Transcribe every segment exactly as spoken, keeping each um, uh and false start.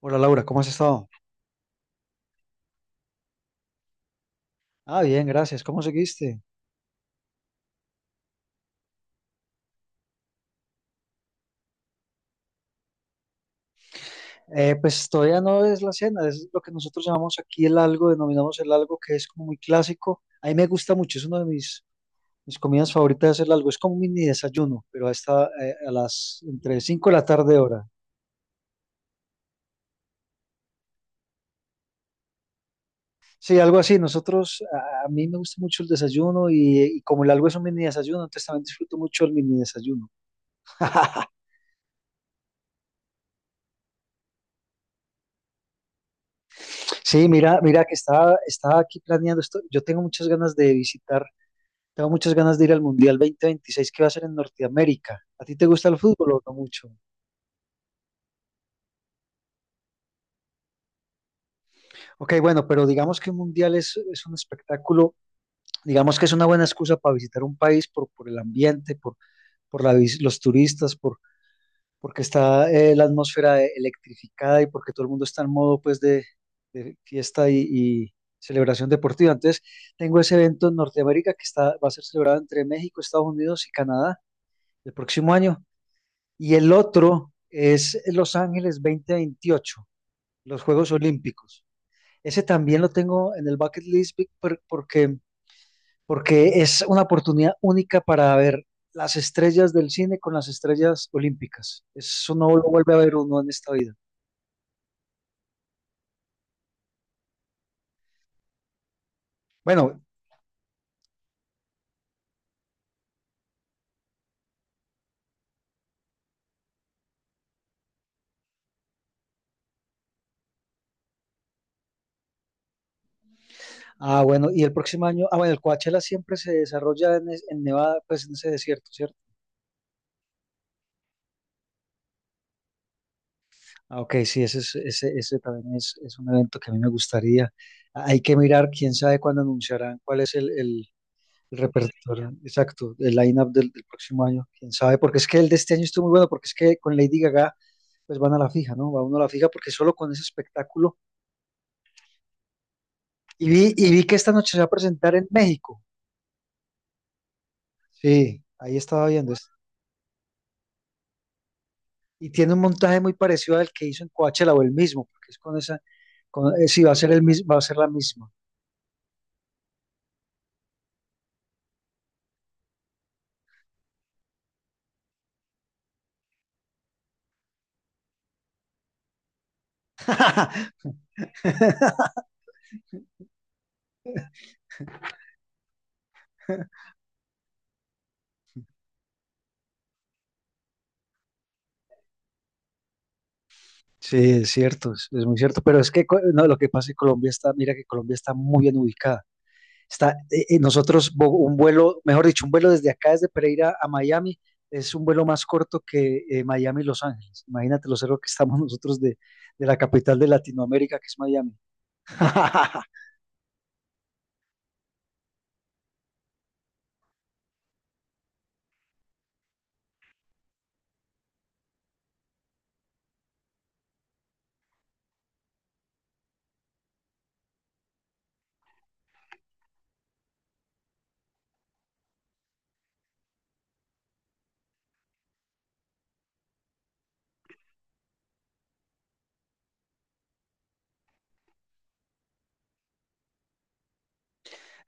Hola Laura, ¿cómo has estado? Ah, bien, gracias. ¿Cómo seguiste? Eh, pues todavía no es la cena, es lo que nosotros llamamos aquí el algo, denominamos el algo que es como muy clásico. A mí me gusta mucho, es una de mis, mis comidas favoritas el algo. Es como un mini desayuno, pero está eh, a las entre cinco de la tarde hora. Sí, algo así. Nosotros, a, a mí me gusta mucho el desayuno y, y como el algo es un mini desayuno, entonces también disfruto mucho el mini desayuno. Sí, mira, mira que estaba, estaba aquí planeando esto. Yo tengo muchas ganas de visitar. Tengo muchas ganas de ir al Mundial dos mil veintiséis que va a ser en Norteamérica. ¿A ti te gusta el fútbol o no mucho? Ok, bueno, pero digamos que un Mundial es, es un espectáculo, digamos que es una buena excusa para visitar un país por, por el ambiente, por, por la vis- los turistas, por, porque está eh, la atmósfera eh, electrificada y porque todo el mundo está en modo pues de, de fiesta y, y celebración deportiva. Entonces, tengo ese evento en Norteamérica que está, va a ser celebrado entre México, Estados Unidos y Canadá el próximo año. y el otro es Los Ángeles dos mil veintiocho, los Juegos Olímpicos. Ese también lo tengo en el bucket list por- porque, porque es una oportunidad única para ver las estrellas del cine con las estrellas olímpicas. Eso no lo vuelve a ver uno en esta vida. Bueno, ah, bueno, y el próximo año, ah, bueno, el Coachella siempre se desarrolla en, es- en Nevada, pues en ese desierto, ¿cierto? Ah, ok, sí, ese, es- ese, ese también es, es un evento que a mí me gustaría. Ah, Hay que mirar, quién sabe cuándo anunciarán cuál es el, el- El repertorio, exacto, el line-up del, del próximo año, quién sabe, porque es que el de este año estuvo muy bueno, porque es que con Lady Gaga pues van a la fija, ¿no? Va uno a la fija porque solo con ese espectáculo. Y vi, y vi que esta noche se va a presentar en México. Sí, ahí estaba viendo. es- Y tiene un montaje muy parecido al que hizo en Coachella o el mismo, porque es con esa, con, eh, sí, va a ser el mismo, va a ser la misma. Sí, es cierto, es, es muy cierto, pero es que co- no, lo que pasa es que Colombia está, mira que Colombia está muy bien ubicada. Está, eh, eh, nosotros, bo- un vuelo, mejor dicho, un vuelo desde acá, desde Pereira a Miami, es un vuelo más corto que eh, Miami-Los Ángeles. Imagínate lo cerca que estamos nosotros de, de la capital de Latinoamérica, que es Miami.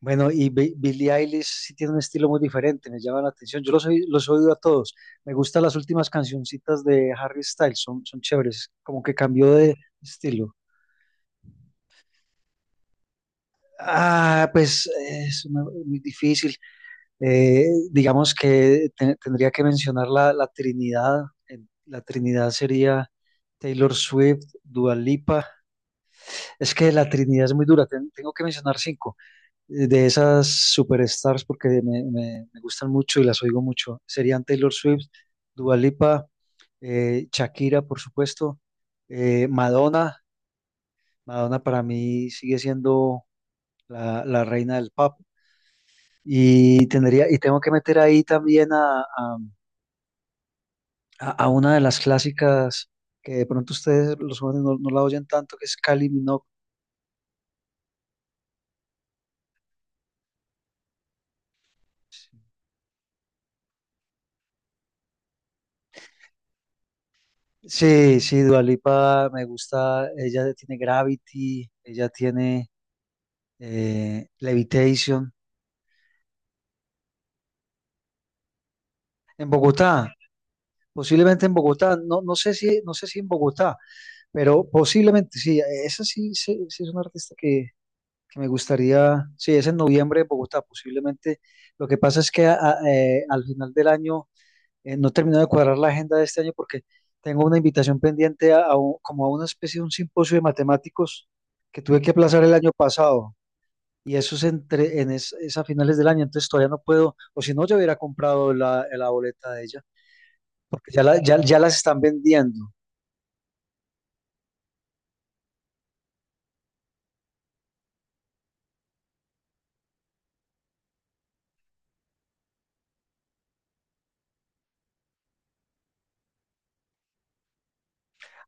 Bueno, y Bi- Billie Eilish sí tiene un estilo muy diferente, me llama la atención. Yo los, oí- los he oído a todos. Me gustan las últimas cancioncitas de Harry Styles, son, son chéveres, como que cambió de estilo. Ah, pues eh, es una- muy difícil. Eh, digamos que te- tendría que mencionar la, la Trinidad. En- La Trinidad sería Taylor Swift, Dua Lipa. Es que la Trinidad es muy dura. ten- tengo que mencionar cinco eh, de esas superstars porque me, me- me gustan mucho y las oigo mucho. Serían Taylor Swift, Dua Lipa, eh, Shakira, por supuesto, eh, Madonna. Madonna para mí sigue siendo la, la reina del pop. Y tendría, y tengo que meter ahí también a a, a una de las clásicas que de pronto ustedes, los jóvenes, no, no la oyen tanto, que es Kylie Minogue. Sí, sí, Dua Lipa me gusta, ella tiene Gravity, ella tiene eh, Levitation. En Bogotá, posiblemente en Bogotá, no, no sé si, no sé si en Bogotá, pero posiblemente sí, esa sí, sí, sí es una artista que, que me gustaría, sí, es en noviembre en Bogotá, posiblemente. Lo que pasa es que a- a- eh, al final del año eh, no termino de cuadrar la agenda de este año porque tengo una invitación pendiente a, a un- como a una especie de un simposio de matemáticos que tuve que aplazar el año pasado y eso es entre en es, es a finales del año, entonces todavía no puedo, o si no yo hubiera comprado la, la boleta de ella, porque ya, la- ya, ya las están vendiendo.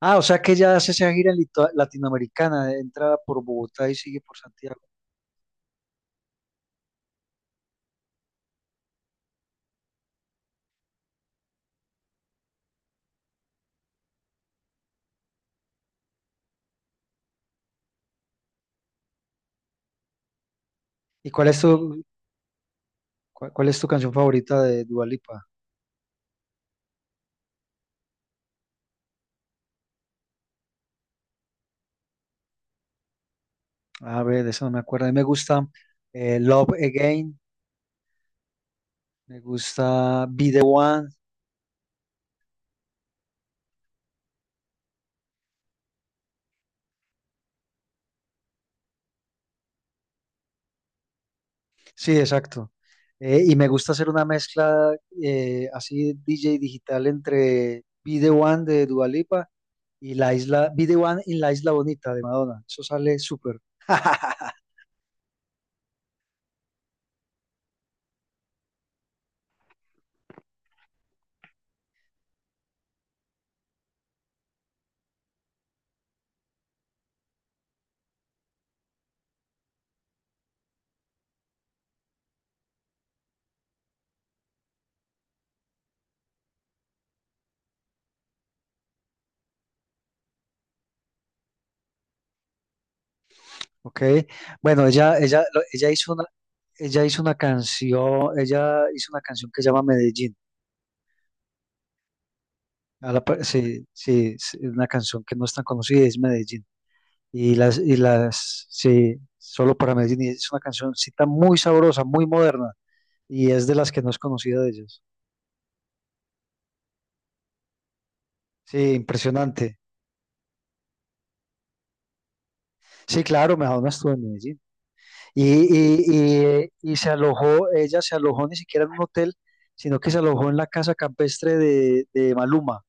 Ah, o sea que ya hace esa gira lito- latinoamericana, entra por Bogotá y sigue por Santiago. ¿Y cuál es tu, cuál, cuál es tu canción favorita de Dua Lipa? A ver, de eso no me acuerdo. A mí me gusta eh, Love Again. Me gusta Be The One. Sí, exacto. Eh, y me gusta hacer una mezcla eh, así D J digital entre Be The One de Dua Lipa y la isla, Be The One y la isla bonita de Madonna. Eso sale súper. Ok. Bueno, ella, ella, lo- ella hizo una, ella hizo una canción, ella hizo una canción que se llama Medellín. A la par- sí, sí, es una canción que no es tan conocida, es Medellín. Y las, y las, sí, solo para Medellín. Y es una cancioncita muy sabrosa, muy moderna. Y es de las que no es conocida de ellos. Sí, impresionante. Sí, claro, Madonna estuvo en Medellín. Y, y, y, y se alojó, ella se alojó ni siquiera en un hotel, sino que se alojó en la casa campestre de, de Maluma.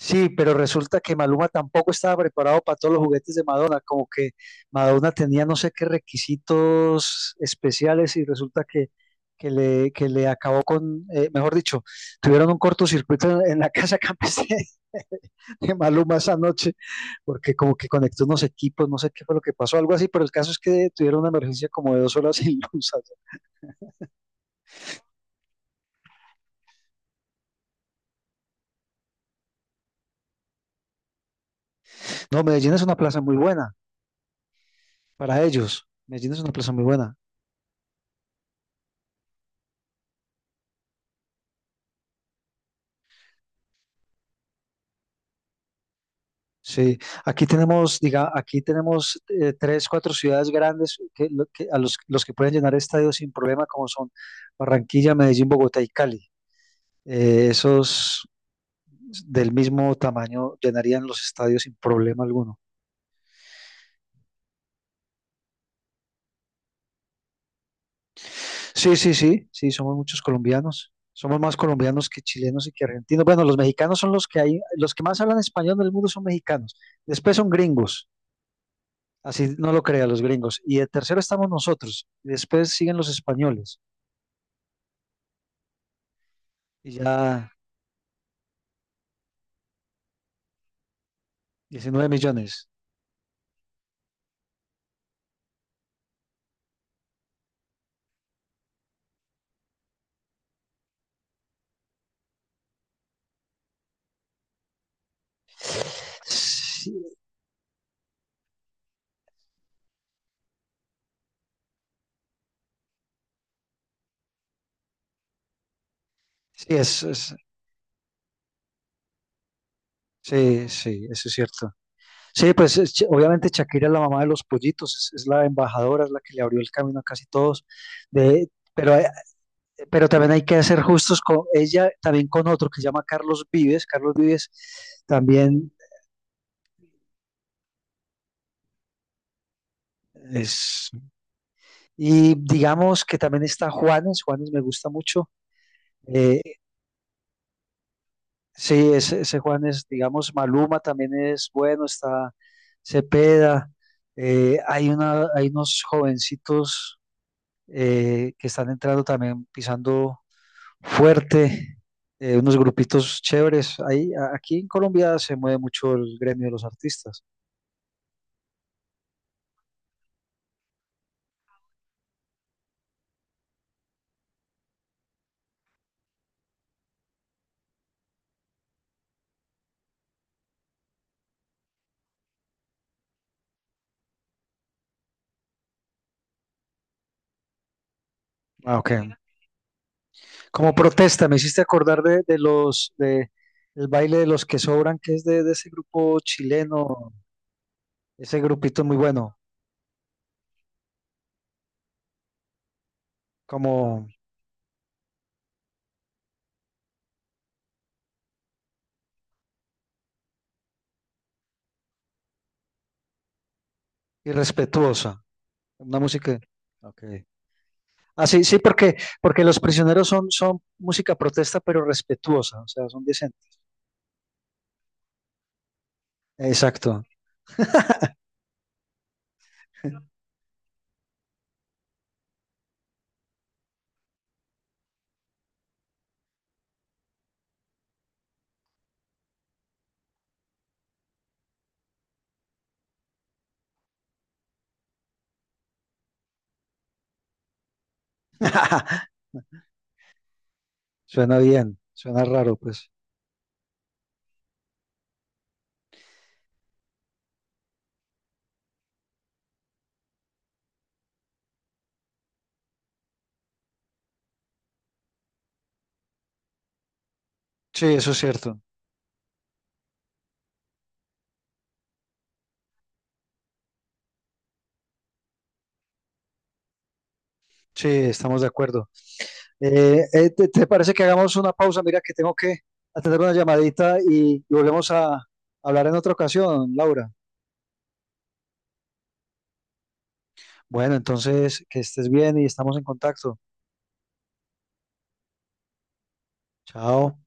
Sí, pero resulta que Maluma tampoco estaba preparado para todos los juguetes de Madonna, como que Madonna tenía no sé qué requisitos especiales y resulta que, que le, que le acabó con, eh, mejor dicho, tuvieron un cortocircuito en, en la casa campestre de Maluma esa noche, porque como que conectó unos equipos, no sé qué fue lo que pasó, algo así, pero el caso es que tuvieron una emergencia como de dos horas sin luz. No, Medellín es una plaza muy buena para ellos, Medellín es una plaza muy buena. Sí, aquí tenemos, diga, aquí tenemos eh, tres, cuatro ciudades grandes que, lo- que- a los, los que pueden llenar estadios sin problema, como son Barranquilla, Medellín, Bogotá y Cali. Eh, esos del mismo tamaño llenarían los estadios sin problema alguno. Sí, sí, sí, sí, somos muchos colombianos. Somos más colombianos que chilenos y que argentinos. Bueno, los mexicanos son los que hay, los que más hablan español del mundo son mexicanos. Después son gringos, así no lo crean los gringos. Y de tercero estamos nosotros. Y después siguen los españoles. y ya diecinueve millones. Sí, sí, es, es- sí, sí, eso es cierto. Sí, pues es- obviamente Shakira es la mamá de los pollitos, es, es la embajadora, es la que le abrió el camino a casi todos. De, pero, hay- pero también hay que ser justos con ella, también con otro que se llama Carlos Vives. Carlos Vives también es... Y digamos que también está Juanes, Juanes me gusta mucho. Eh, Sí, ese, ese Juan es, digamos, Maluma también es bueno, está Cepeda, eh, hay una, hay unos jovencitos eh, que están entrando también pisando fuerte, eh, unos grupitos chéveres. Ahí, a- aquí en Colombia se mueve mucho el gremio de los artistas. Ah, ok. Como protesta, me hiciste acordar de, de los, de el baile de los que sobran, que es de, de ese grupo chileno, ese grupito muy bueno, como irrespetuosa. Una música. Okay. Ah, sí, sí, porque, porque los prisioneros son, son música protesta, pero respetuosa, o sea, son decentes. Exacto. Suena bien, suena raro, pues. Sí, eso es cierto. Sí, estamos de acuerdo. Eh, eh, ¿te, te parece que hagamos una pausa? Mira que tengo que atender una llamadita y, y volvemos a hablar en otra ocasión, Laura. Bueno, entonces, que estés bien y estamos en contacto. Chao.